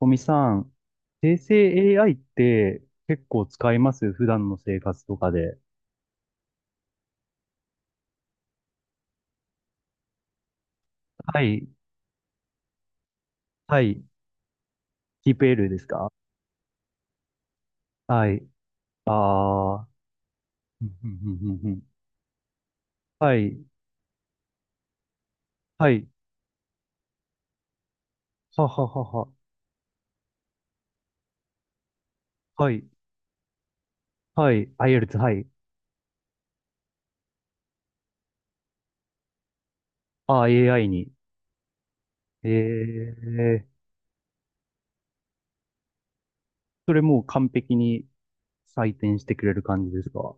小見さん、生成 AI って結構使います、普段の生活とかで？はい。はい。キープ L ですか？はい。ああ。うんうんうんうんうん。はい。はい。はははは。はい。はい。IELTS、はい。ああ、AI に。ええ。それもう完璧に採点してくれる感じですか？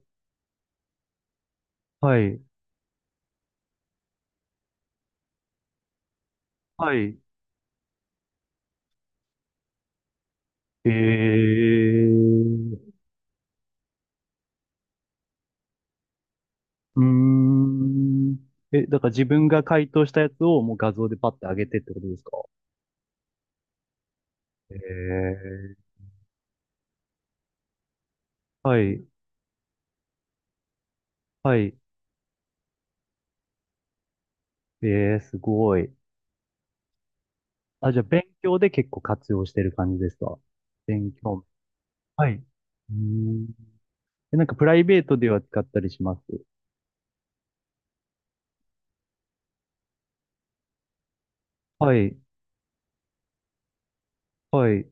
はい。はい。ええ。うーん。え、だから自分が回答したやつをもう画像でパッて上げてってことですか？ええ。はい、はい。ええすごい。あ、じゃあ勉強で結構活用してる感じですか？勉強。はい。うーん。え、なんかプライベートでは使ったりします？はい、はい。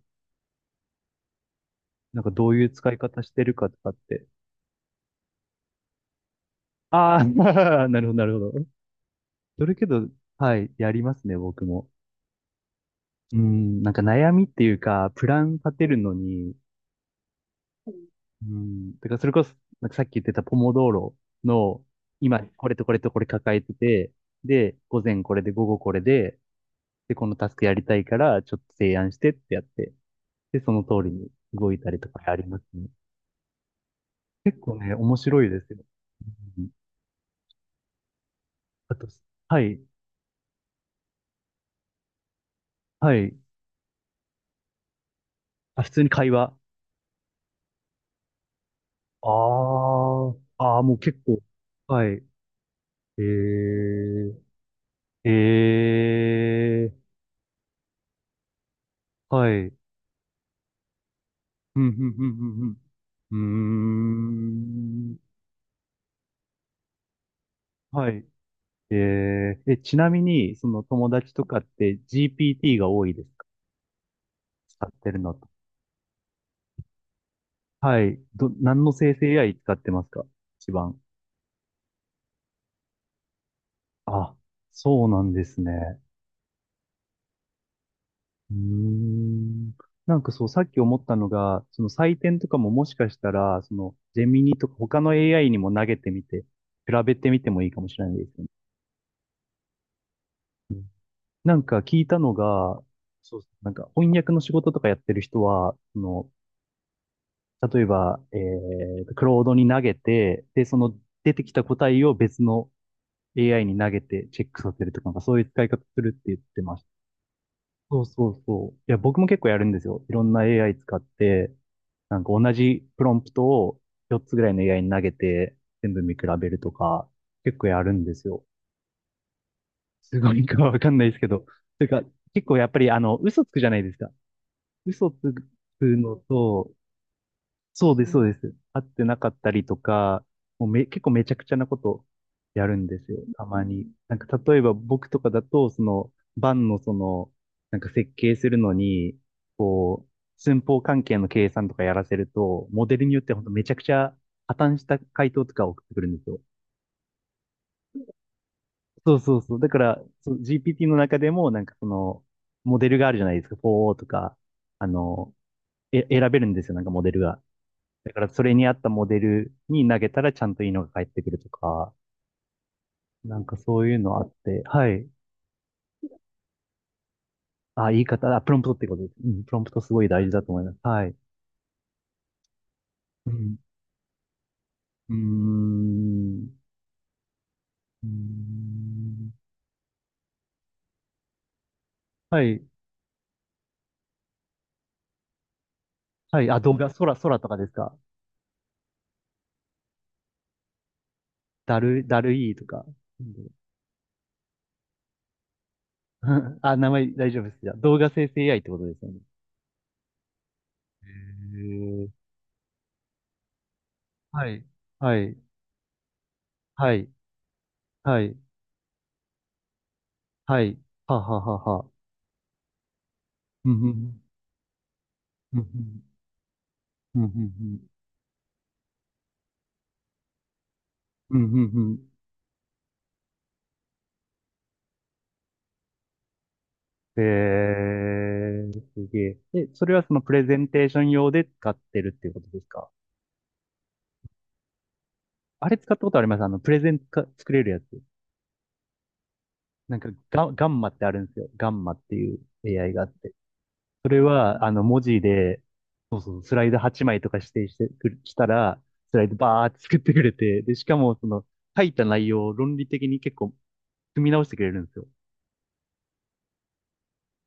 なんかどういう使い方してるかとかって。ああ、なるほど、なるほど。それけど、はい、やりますね、僕も。うん、なんか悩みっていうか、プラン立てるのに、うん。だからそれこそ、なんかさっき言ってたポモドーロの、今これとこれとこれ抱えてて、で、午前これで午後これで、で、このタスクやりたいから、ちょっと提案してってやって、で、その通りに動いたりとかありますね。結構ね、面白いですよ。うん。あと、はい、はい。あ、普通に会話。ああ、あーもう結構。はい。えー、えー、はい。うん、うん、うん、うん。うーん。はい。えー、え、ちなみに、その友達とかって GPT が多いですか？使ってるのと。はい。ど、何の生成 AI 使ってますか、一番？あ、そうなんですね。うーん。なんかそう、さっき思ったのが、その採点とかももしかしたら、その、ジェミニとか他の AI にも投げてみて、比べてみてもいいかもしれないですよね。なんか聞いたのが、そう、なんか翻訳の仕事とかやってる人は、その、例えば、クロードに投げて、で、その出てきた答えを別の AI に投げてチェックさせるとか、なんかそういう使い方するって言ってました。そうそうそう。いや、僕も結構やるんですよ。いろんな AI 使って、なんか同じプロンプトを4つぐらいの AI に投げて、全部見比べるとか、結構やるんですよ。すごいか わかんないですけど。というか、結構やっぱりあの、嘘つくじゃないですか。嘘つくのと、そうです、そうです。会ってなかったりとか、もうめ、結構めちゃくちゃなことやるんですよ、たまに。なんか例えば僕とかだと、その、バンのその、なんか設計するのに、こう、寸法関係の計算とかやらせると、モデルによっては本当めちゃくちゃ破綻した回答とか送ってくるんですよ。そうそうそう。だから、そう GPT の中でも、なんかその、モデルがあるじゃないですか、4O とか、あの、え、選べるんですよ、なんかモデルが。だからそれに合ったモデルに投げたらちゃんといいのが返ってくるとか、なんかそういうのあって、はい。あ、言い方、あ、プロンプトってことです。うん、プロンプトすごい大事だと思います。はい。うん。うーん。うーん。はい。はい。あ、動画、空、空とかですか？だるいとか。うん。 あ、名前大丈夫です。じゃあ、動画生成 AI ってことですよね。へー。はい。はい。はい。はい。はい。はははは。うんうんうん。うんうんうんうん。うん、うん、うん。えー、すげえ。え、それはそのプレゼンテーション用で使ってるっていうことですか？あれ使ったことあります、あの、プレゼンか作れるやつ。なんかガンマってあるんですよ。ガンマっていう AI があって。それは、あの、文字で、そうそう、スライド8枚とか指定してくる、したら、スライドバーって作ってくれて、で、しかもその、書いた内容を論理的に結構、組み直してくれるんですよ。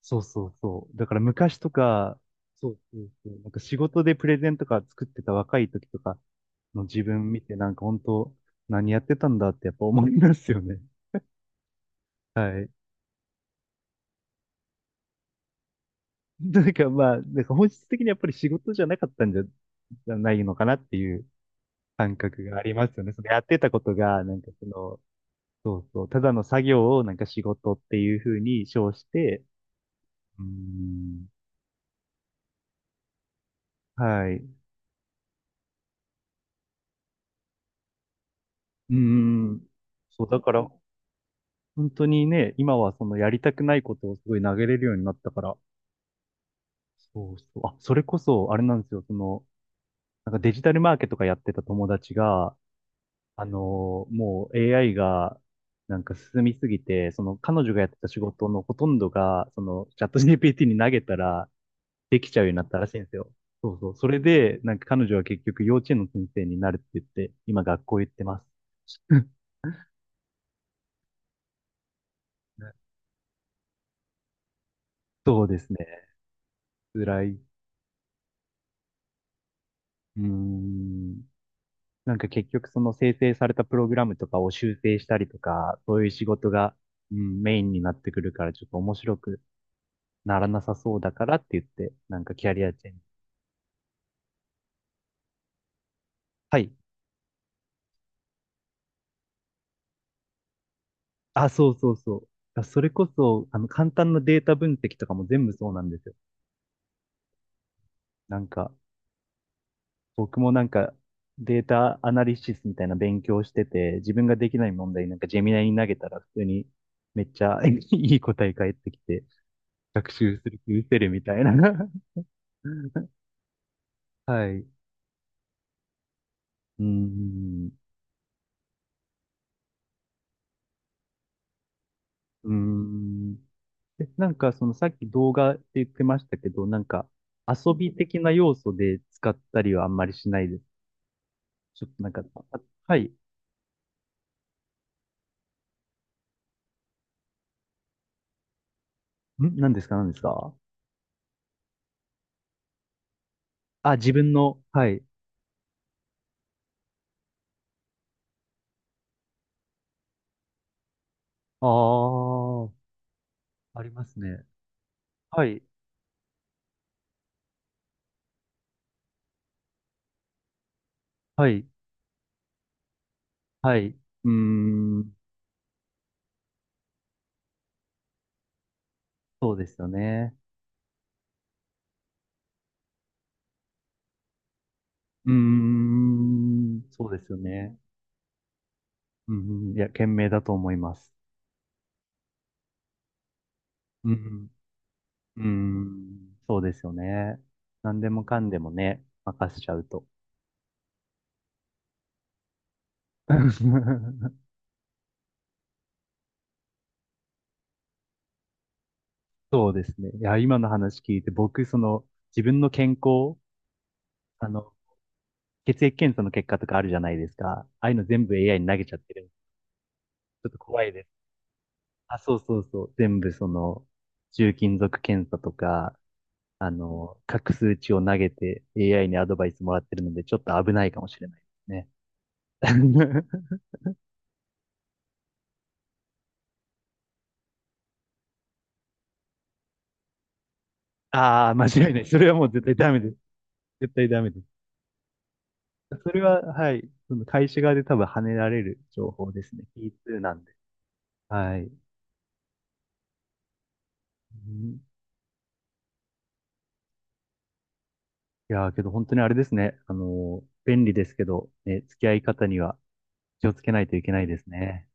そうそうそう。だから昔とか、そうそうそう。なんか仕事でプレゼンとか作ってた若い時とかの自分見て、なんか本当、何やってたんだってやっぱ思いますよね。はい。なんかまあ、なんか本質的にやっぱり仕事じゃないのかなっていう感覚がありますよね。そのやってたことが、なんかその、そうそう、ただの作業をなんか仕事っていうふうに称して、うーん、はい。うーん。そう、だから本当にね、今はそのやりたくないことをすごい投げれるようになったから、そうそう。あ、それこそ、あれなんですよ、その、なんかデジタルマーケとかやってた友達が、もう AI が、なんか進みすぎて、その彼女がやってた仕事のほとんどが、そのチャット GPT に投げたらできちゃうようになったらしいんですよ。そうそう。それで、なんか彼女は結局幼稚園の先生になるって言って、今学校行ってます。そうですね。辛い。うーん。なんか結局その生成されたプログラムとかを修正したりとか、そういう仕事が、うん、メインになってくるからちょっと面白くならなさそうだからって言って、なんかキャリアチェンジ。はい。あ、そうそうそう。だそれこそ、あの、簡単なデータ分析とかも全部そうなんですよ。なんか、僕もなんか、データアナリシスみたいな勉強してて、自分ができない問題なんかジェミナイに投げたら普通にめっちゃ いい答え返ってきて、学習する気失せるみたいな はい。うーん。うーん。え、なんかそのさっき動画って言ってましたけど、なんか遊び的な要素で使ったりはあんまりしないです？ちょっとなんか、あ、はい。ん、何ですか？何ですか？あ、自分の、はい。ああ、ありますね。はい。はい。はい。うーん。そうですよね。うーん。そうですよね。うんうん。いや、賢明だと思います。うんうん。うーん、そうですよね。何でもかんでもね、任せちゃうと。そうですね。いや、今の話聞いて、僕、その、自分の健康、あの、血液検査の結果とかあるじゃないですか。ああいうの全部 AI に投げちゃってる。ちょっと怖いです。あ、そうそうそう。全部その、重金属検査とか、あの、各数値を投げて AI にアドバイスもらってるので、ちょっと危ないかもしれないですね。ああ、間違いない。それはもう絶対ダメです。絶対ダメです。それは、はい。その会社側で多分跳ねられる情報ですね。P2 なんで。はい。うん。いやー、けど本当にあれですね。便利ですけど、ね、付き合い方には気をつけないといけないですね。